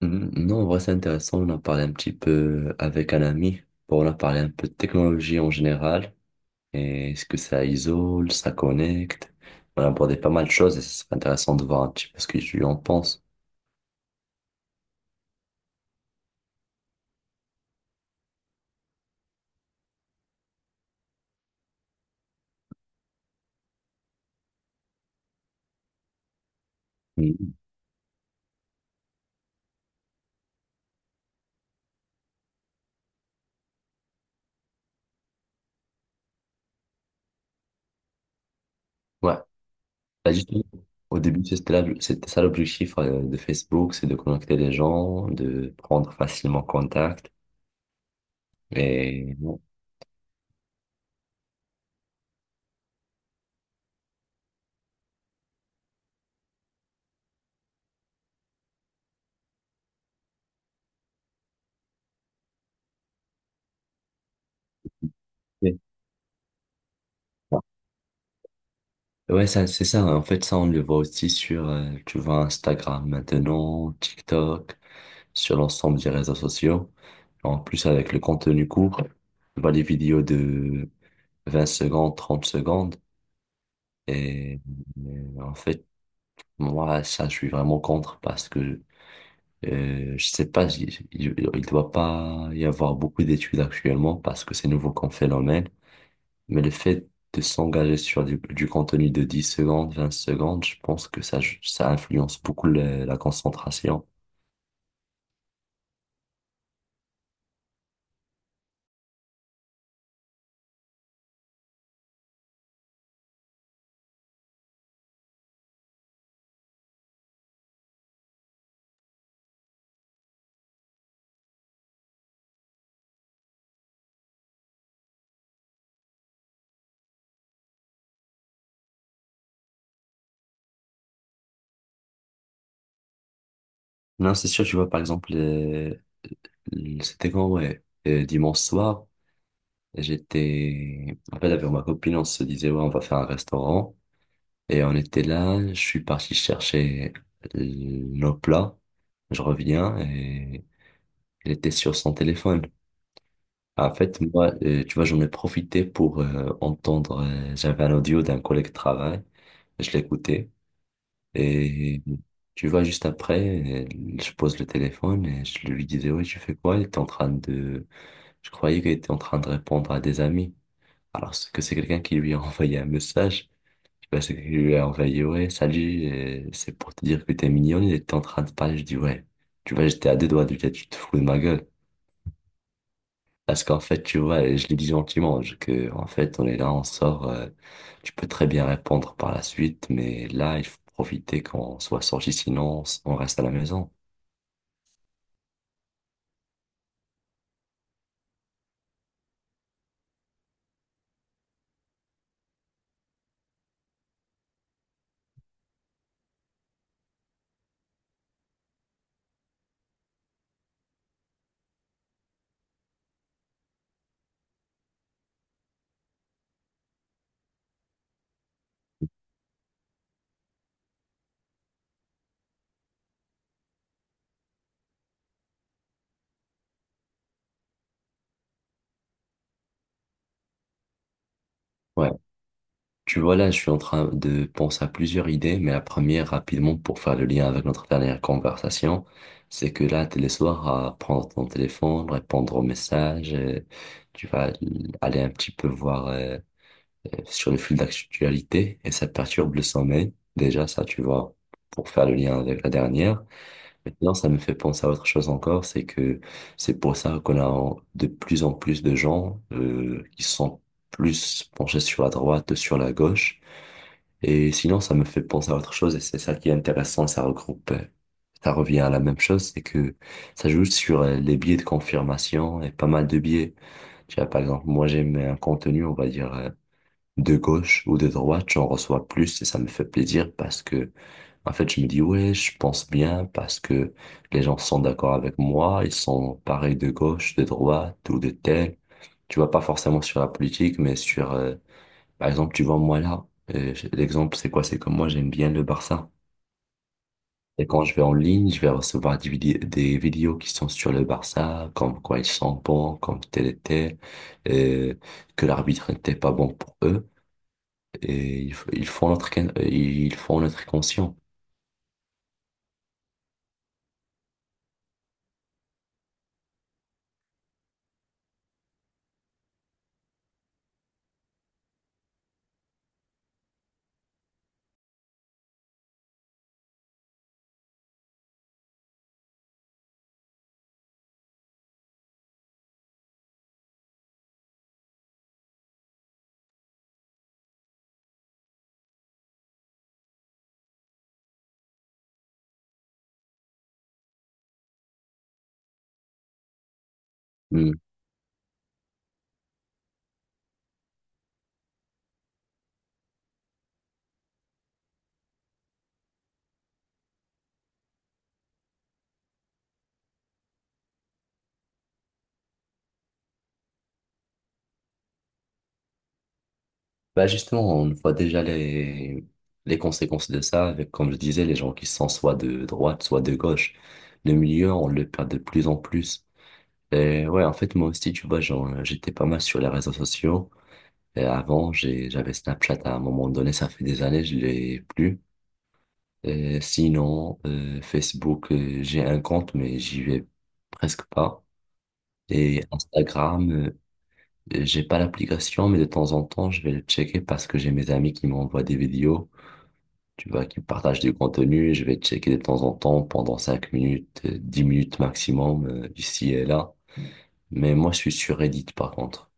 Mhm. Non, en vrai, c'est intéressant. On a parlé un petit peu avec un ami. Bon, on a parlé un peu de technologie en général. Et est-ce que ça isole, ça connecte? On a abordé pas mal de choses et ce serait intéressant de voir un petit peu ce que tu en penses. Mhm. Ouais. Bah, justement, au début, c'était ça l'objectif de Facebook, c'est de connecter les gens, de prendre facilement contact. Et bon, c'est ça. Ouais, ça, c'est ça, hein. En fait, ça, on le voit aussi sur, tu vois, Instagram maintenant, TikTok, sur l'ensemble des réseaux sociaux. En plus, avec le contenu court, bah, les vidéos de 20 secondes, 30 secondes. Et en fait, moi, ça, je suis vraiment contre parce que je sais pas, il ne doit pas y avoir beaucoup d'études actuellement parce que c'est nouveau comme phénomène. Mais le fait de s'engager sur du contenu de 10 secondes, 20 secondes, je pense que ça influence beaucoup la concentration. Non, c'est sûr, tu vois, par exemple, c'était quand, ouais, dimanche soir, j'étais, en fait, avec ma copine, on se disait, ouais, on va faire un restaurant. Et on était là, je suis parti chercher nos plats. Je reviens et il était sur son téléphone. En fait, moi, tu vois, j'en ai profité pour entendre, j'avais un audio d'un collègue de travail, je l'écoutais. Et tu vois, juste après, je pose le téléphone et je lui disais, ouais, tu fais quoi? Il était en train de Je croyais qu'il était en train de répondre à des amis. Alors ce que c'est quelqu'un qui lui a envoyé un message. Je sais pas, c'est qu'il lui a envoyé, ouais, salut, c'est pour te dire que t'es mignonne. Il était en train de parler. Je dis, ouais, tu vois, j'étais à deux doigts de lui dire, tu te fous de ma gueule. Parce qu'en fait, tu vois, et je l'ai dit gentiment, que, en fait, on est là, on sort, tu peux très bien répondre par la suite, mais là, il faut profiter quand on soit sorti, sinon on reste à la maison. Ouais. Tu vois, là, je suis en train de penser à plusieurs idées, mais la première, rapidement, pour faire le lien avec notre dernière conversation, c'est que là, t'es le soir à prendre ton téléphone, répondre aux messages, tu vas aller un petit peu voir sur le fil d'actualité, et ça perturbe le sommeil. Déjà, ça, tu vois, pour faire le lien avec la dernière. Maintenant, ça me fait penser à autre chose encore, c'est que c'est pour ça qu'on a de plus en plus de gens qui sont plus penchés sur la droite, sur la gauche. Et sinon, ça me fait penser à autre chose et c'est ça qui est intéressant, ça regroupe, ça revient à la même chose, c'est que ça joue sur les biais de confirmation et pas mal de biais. Tu vois, par exemple, moi j'aime un contenu, on va dire, de gauche ou de droite, j'en reçois plus et ça me fait plaisir parce que, en fait, je me dis, ouais, je pense bien parce que les gens sont d'accord avec moi, ils sont pareils de gauche, de droite ou de tel. Tu vois, pas forcément sur la politique, mais sur, par exemple, tu vois, moi là, l'exemple, c'est quoi? C'est que moi, j'aime bien le Barça. Et quand je vais en ligne, je vais recevoir des vidéos qui sont sur le Barça, comme quoi ils sont bons, comme tel était, euh, que l'arbitre n'était pas bon pour eux. Et ils font notre, ils font notre conscient. Hmm. Bah justement, on voit déjà les conséquences de ça, avec, comme je disais, les gens qui sont soit de droite, soit de gauche. Le milieu, on le perd de plus en plus. Et ouais, en fait, moi aussi, tu vois, genre, j'étais pas mal sur les réseaux sociaux. Et avant, j'avais Snapchat à un moment donné, ça fait des années, je l'ai plus. Et sinon, Facebook, j'ai un compte, mais j'y vais presque pas. Et Instagram, j'ai pas l'application, mais de temps en temps, je vais le checker parce que j'ai mes amis qui m'envoient des vidéos, tu vois, qui partagent du contenu. Je vais checker de temps en temps pendant 5 minutes, 10 minutes maximum, ici et là. Mais moi, je suis sur Reddit, par contre.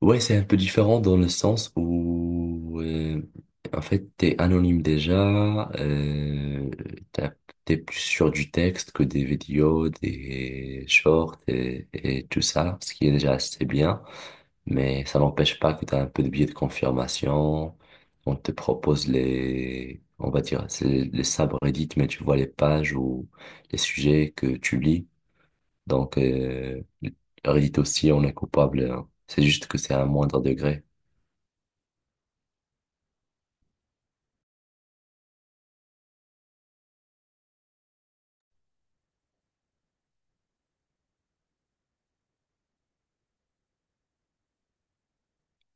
Ouais, c'est un peu différent dans le sens où, en fait, t'es anonyme déjà, t'as- t'es plus sur du texte que des vidéos, des shorts et tout ça, ce qui est déjà assez bien, mais ça n'empêche pas que t'as un peu de biais de confirmation, on te propose les, on va dire, c'est les subreddits, mais tu vois les pages ou les sujets que tu lis. Donc, Reddit aussi, on est coupable, hein. C'est juste que c'est à un moindre degré.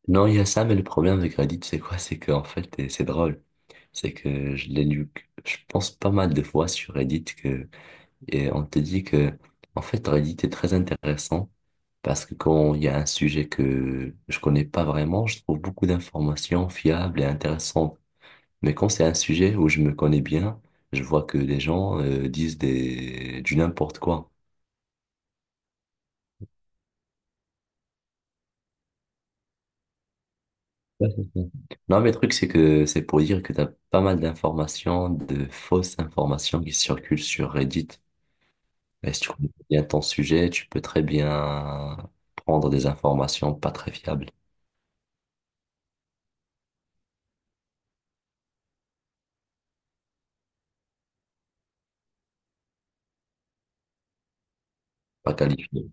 Non, il y a ça, mais le problème avec Reddit, c'est quoi? C'est qu'en fait, et c'est drôle. C'est que je l'ai lu, je pense pas mal de fois sur Reddit que, et on te dit que, en fait, Reddit est très intéressant parce que quand il y a un sujet que je connais pas vraiment, je trouve beaucoup d'informations fiables et intéressantes. Mais quand c'est un sujet où je me connais bien, je vois que les gens, disent des, du n'importe quoi. Ouais, c'est ça. Non, mais le truc, c'est que c'est pour dire que tu as pas mal d'informations, de fausses informations qui circulent sur Reddit. Et si tu connais bien ton sujet, tu peux très bien prendre des informations pas très fiables, pas qualifiées.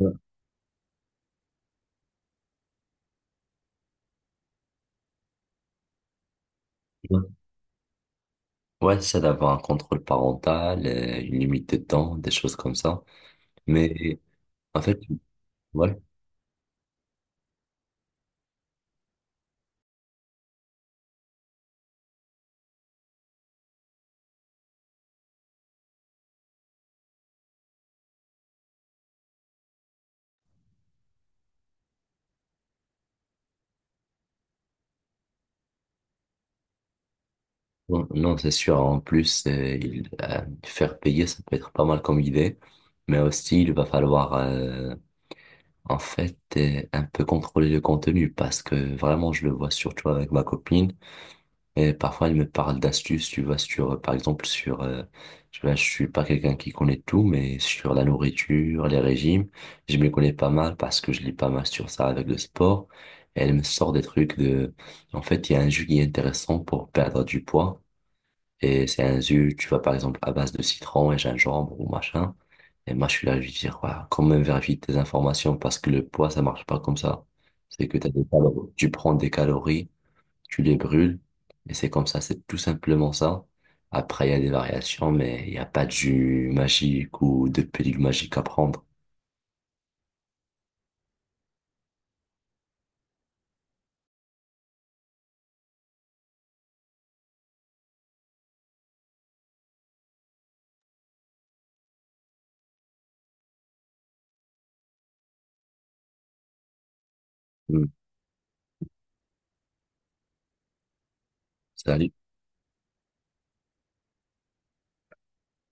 Ouais, ouais. Ouais, c'est ça d'avoir un contrôle parental, une limite de temps, des choses comme ça. Mais en fait, voilà. Non, non, c'est sûr. En plus, faire payer, ça peut être pas mal comme idée. Mais aussi, il va falloir en fait, un peu contrôler le contenu parce que vraiment, je le vois surtout avec ma copine et parfois, elle me parle d'astuces, tu vois, sur, par exemple, sur, tu vois, je suis pas quelqu'un qui connaît tout, mais sur la nourriture, les régimes, je me connais pas mal parce que je lis pas mal sur ça avec le sport. Et elle me sort des trucs de, en fait, il y a un jus qui est intéressant pour perdre du poids. Et c'est un jus, tu vois, par exemple, à base de citron et gingembre ou machin. Et moi, je suis là, je lui dis, ouais, quand même, vérifie tes informations parce que le poids, ça marche pas comme ça. C'est que tu prends des calories, tu les brûles, et c'est comme ça, c'est tout simplement ça. Après, il y a des variations, mais il n'y a pas de jus magique ou de pilule magique à prendre. Mm. Salut.